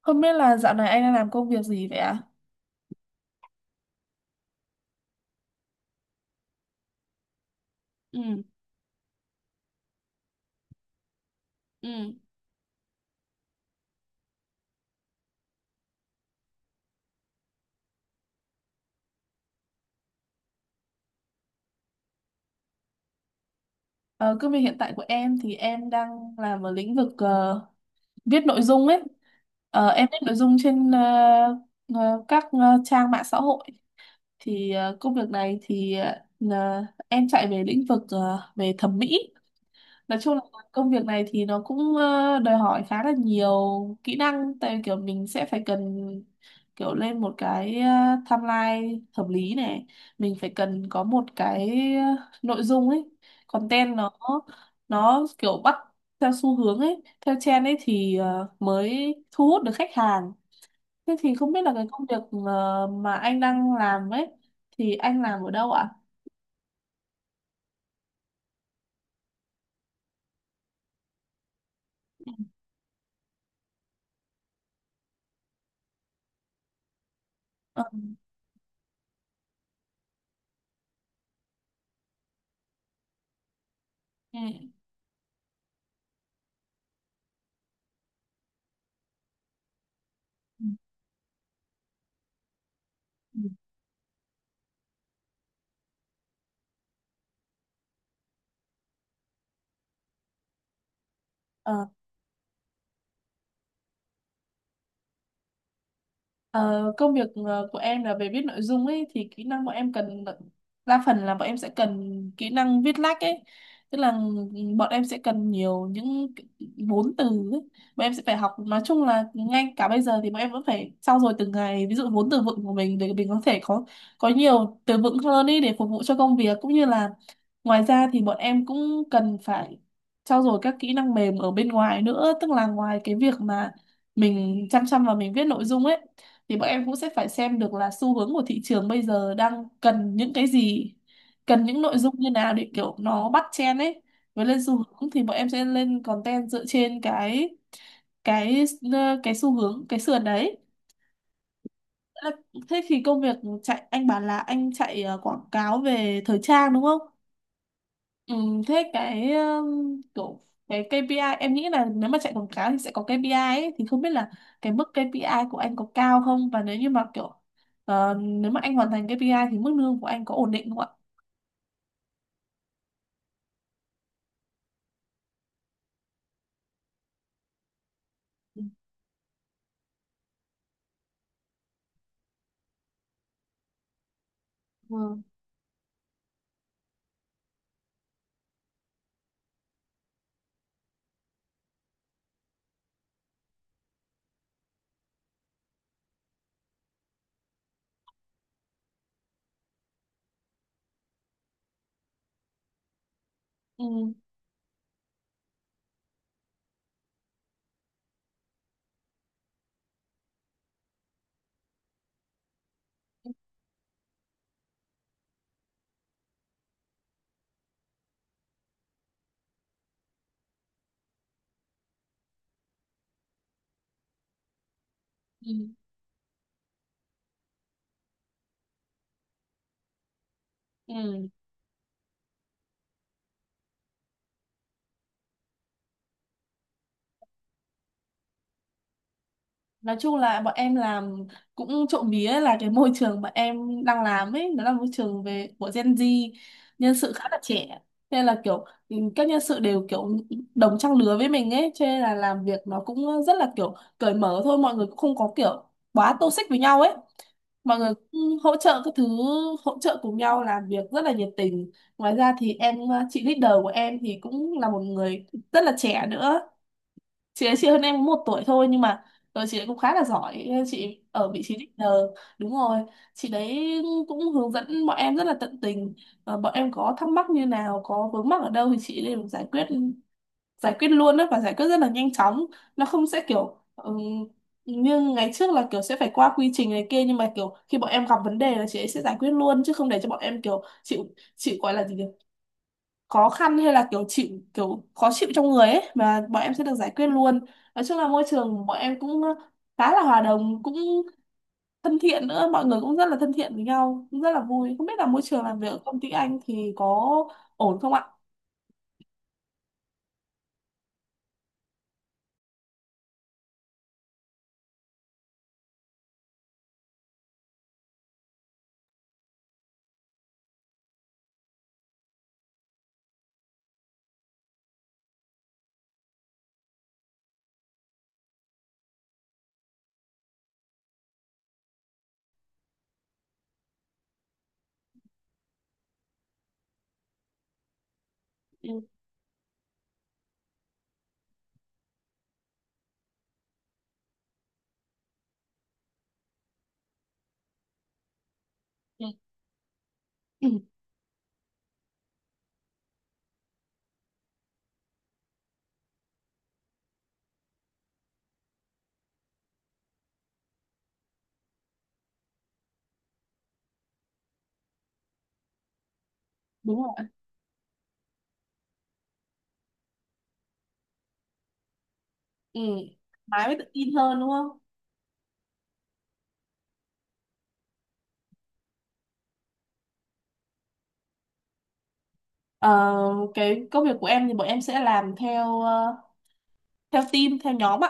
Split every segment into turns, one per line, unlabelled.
Không biết là dạo này anh đang làm công việc gì vậy ạ? Ừ. Ừ. Ờ, Công việc hiện tại của em thì em đang làm ở lĩnh vực viết nội dung ấy. Ờ, em viết nội dung trên ờ, các ờ, trang mạng xã hội. Thì công việc này thì là em chạy về lĩnh vực về thẩm mỹ. Nói chung là công việc này thì nó cũng đòi hỏi khá là nhiều kỹ năng, tại vì kiểu mình sẽ phải cần kiểu lên một cái timeline hợp lý này, mình phải cần có một cái ờ, nội dung ấy, content nó kiểu bắt theo xu hướng ấy, theo trend ấy, thì mới thu hút được khách hàng. Thế thì không biết là cái công việc mà anh đang làm ấy, thì anh làm ở đâu ạ? Ờ. Ừ. Ừ. Ừ. Ờ, Công việc của em là về viết nội dung ấy, thì kỹ năng bọn em cần đa phần là bọn em sẽ cần kỹ năng viết lách ấy, tức là bọn em sẽ cần nhiều những cái vốn từ ấy. Bọn em sẽ phải học, nói chung là ngay cả bây giờ thì bọn em vẫn phải trau dồi từng ngày ví dụ vốn từ vựng của mình để mình có thể có nhiều từ vựng hơn ấy để phục vụ cho công việc, cũng như là ngoài ra thì bọn em cũng cần phải trau dồi các kỹ năng mềm ở bên ngoài nữa, tức là ngoài cái việc mà mình chăm chăm vào mình viết nội dung ấy, thì bọn em cũng sẽ phải xem được là xu hướng của thị trường bây giờ đang cần những cái gì, cần những nội dung như nào để kiểu nó bắt trend ấy, với lên xu hướng, thì bọn em sẽ lên content dựa trên cái cái xu hướng, cái sườn đấy. Thế là- Thế thì công việc chạy, anh bảo là anh chạy quảng cáo về thời trang đúng không? Ừ, thế cái kiểu cái KPI, em nghĩ là nếu mà chạy quảng cáo thì sẽ có KPI ấy, thì không biết là cái mức KPI của anh có cao không, và nếu như mà kiểu nếu mà anh hoàn thành KPI thì mức lương của anh có ổn định không ạ? Ừ. Ừ. Ừ. Ừ. Nói chung là bọn em làm cũng trộm vía là cái môi trường bọn em đang làm ấy nó là môi trường về của Gen Z, nhân sự khá là trẻ, nên là kiểu ừ, các nhân sự đều kiểu đồng trang lứa với mình ấy, cho nên là làm việc nó cũng rất là kiểu cởi mở thôi, mọi người cũng không có kiểu quá toxic với nhau ấy, mọi người cũng hỗ trợ các thứ, hỗ trợ cùng nhau làm việc rất là nhiệt tình. Ngoài ra thì em, chị leader của em thì cũng là một người rất là trẻ nữa, chị ấy chị hơn em một tuổi thôi nhưng mà rồi chị ấy cũng khá là giỏi, chị ở vị trí leader, đúng rồi, chị đấy cũng hướng dẫn bọn em rất là tận tình. Ờ, bọn em có thắc mắc như nào, có vướng mắc ở đâu thì chị đều giải quyết, giải quyết luôn đó và giải quyết rất là nhanh chóng, nó không sẽ kiểu như ngày trước là kiểu sẽ phải qua quy trình này kia, nhưng mà kiểu khi bọn em gặp vấn đề là chị ấy sẽ giải quyết luôn chứ không để cho bọn em kiểu chịu, chịu gọi là gì nhỉ? Khó khăn hay là kiểu chịu kiểu khó chịu trong người ấy, mà bọn em sẽ được giải quyết luôn. Nói chung là môi trường của bọn em cũng khá là hòa đồng, cũng thân thiện nữa, mọi người cũng rất là thân thiện với nhau, cũng rất là vui. Không biết là môi trường làm việc ở công ty anh thì có ổn không ạ? Ừ. Ừ. Ừ. Đúng rồi. Ừ. Mái mới tự tin hơn đúng không? Ờ, cái công việc của em thì bọn em sẽ làm theo theo team, theo nhóm ạ.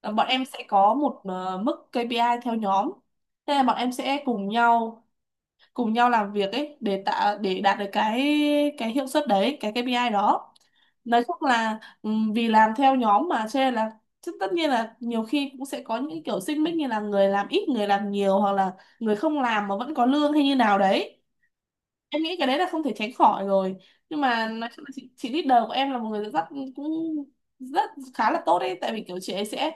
Ờ, bọn em sẽ có một mức KPI theo nhóm. Thế là bọn em sẽ cùng nhau làm việc ấy để tạo, để đạt được cái hiệu suất đấy, cái KPI đó. Nói chung là vì làm theo nhóm mà cho nên là, chứ tất nhiên là nhiều khi cũng sẽ có những kiểu xích mích như là người làm ít người làm nhiều, hoặc là người không làm mà vẫn có lương hay như nào đấy, em nghĩ cái đấy là không thể tránh khỏi rồi. Nhưng mà nói chung là chị leader của em là một người rất, cũng rất khá là tốt đấy, tại vì kiểu chị ấy sẽ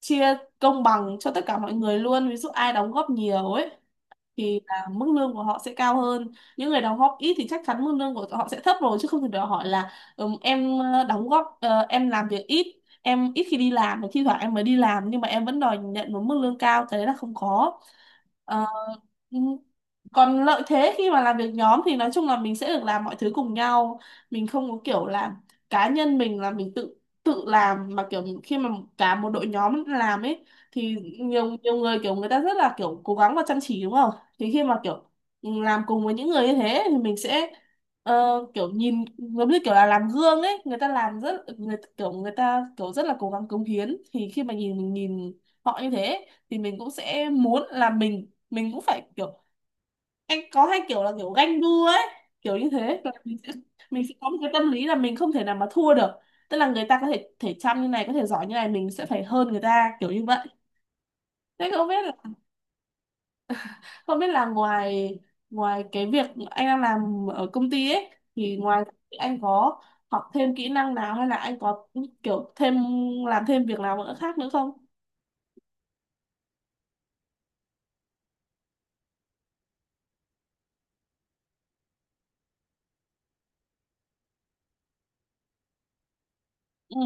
chia công bằng cho tất cả mọi người luôn, ví dụ ai đóng góp nhiều ấy thì là mức lương của họ sẽ cao hơn, những người đóng góp ít thì chắc chắn mức lương của họ sẽ thấp rồi, chứ không thể đòi hỏi là em đóng góp, em làm việc ít, em ít khi đi làm, thi thoảng em mới đi làm nhưng mà em vẫn đòi nhận một mức lương cao, cái đấy là không có. Ờ, ừm, Còn lợi thế khi mà làm việc nhóm thì nói chung là mình sẽ được làm mọi thứ cùng nhau, mình không có kiểu là cá nhân mình là mình tự tự làm, mà kiểu khi mà cả một đội nhóm làm ấy thì nhiều nhiều người kiểu người ta rất là kiểu cố gắng và chăm chỉ đúng không, thì khi mà kiểu làm cùng với những người như thế thì mình sẽ kiểu nhìn giống như kiểu là làm gương ấy, người ta làm rất, người kiểu người ta kiểu rất là cố gắng cống hiến, thì khi mà nhìn, mình nhìn họ như thế thì mình cũng sẽ muốn là mình cũng phải kiểu, anh có hai kiểu là kiểu ganh đua ấy, kiểu như thế là mình sẽ, mình sẽ có một cái tâm lý là mình không thể nào mà thua được, tức là người ta có thể thể chăm như này, có thể giỏi như này, mình sẽ phải hơn người ta kiểu như vậy. Thế không biết, không biết là ngoài ngoài cái việc anh đang làm ở công ty ấy, thì ngoài, anh có học thêm kỹ năng nào hay là anh có kiểu thêm, làm thêm việc nào nữa khác nữa không? Ừ.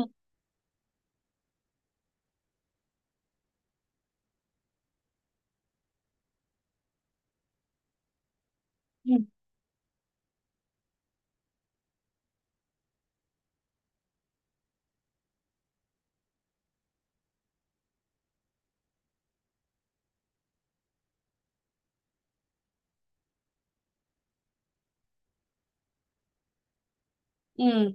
Ừ. Ừ.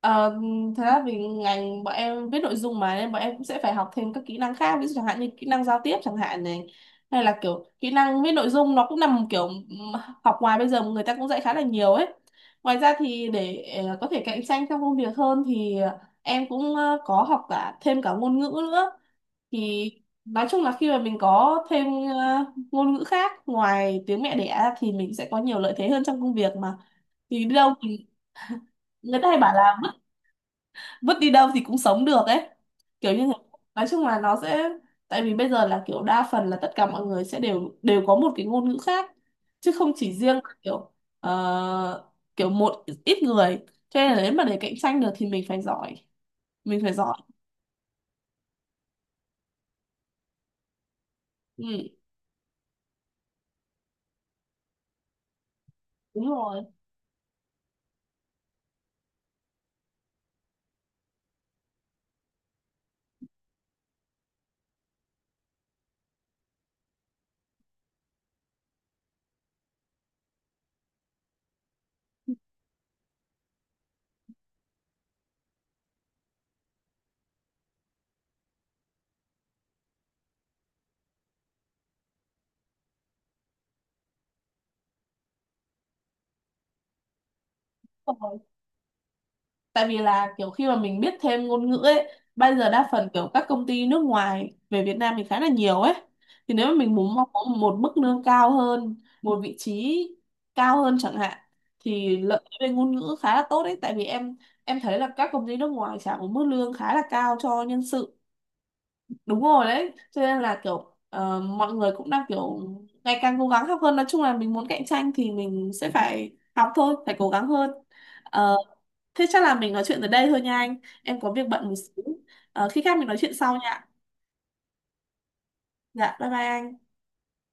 Ờ, thật ra vì ngành bọn em viết nội dung mà nên bọn em cũng sẽ phải học thêm các kỹ năng khác, ví dụ chẳng hạn như kỹ năng giao tiếp chẳng hạn này, hay là kiểu kỹ năng viết nội dung nó cũng nằm kiểu học ngoài bây giờ người ta cũng dạy khá là nhiều ấy. Ngoài ra thì để có thể cạnh tranh trong công việc hơn thì em cũng có học cả thêm cả ngôn ngữ nữa, thì nói chung là khi mà mình có thêm ờ, ngôn ngữ khác ngoài tiếng mẹ đẻ thì mình sẽ có nhiều lợi thế hơn trong công việc mà, thì đi đâu thì người ta hay bảo là vứt đi đâu thì cũng sống được ấy, kiểu như thế. Nói chung là nó sẽ, tại vì bây giờ là kiểu đa phần là tất cả mọi người sẽ đều đều có một cái ngôn ngữ khác, chứ không chỉ riêng là kiểu ờ, kiểu một ít người, cho nên là nếu mà để cạnh tranh được thì mình phải giỏi, mình phải giỏi. Ừ, đúng rồi. Đúng rồi. Tại vì là kiểu khi mà mình biết thêm ngôn ngữ ấy, bây giờ đa phần kiểu các công ty nước ngoài về Việt Nam mình khá là nhiều ấy, thì nếu mà mình muốn mong có một mức lương cao hơn, một vị trí cao hơn chẳng hạn, thì lợi thế về ngôn ngữ khá là tốt đấy, tại vì em thấy là các công ty nước ngoài trả một mức lương khá là cao cho nhân sự, đúng rồi đấy, cho nên là kiểu mọi người cũng đang kiểu ngày càng cố gắng học hơn, nói chung là mình muốn cạnh tranh thì mình sẽ phải học thôi, phải cố gắng hơn. Ờ. Thế chắc là mình nói chuyện tới đây thôi nha anh. Em có việc bận một xíu. Ờ, khi khác mình nói chuyện sau nha. Dạ, bye bye anh.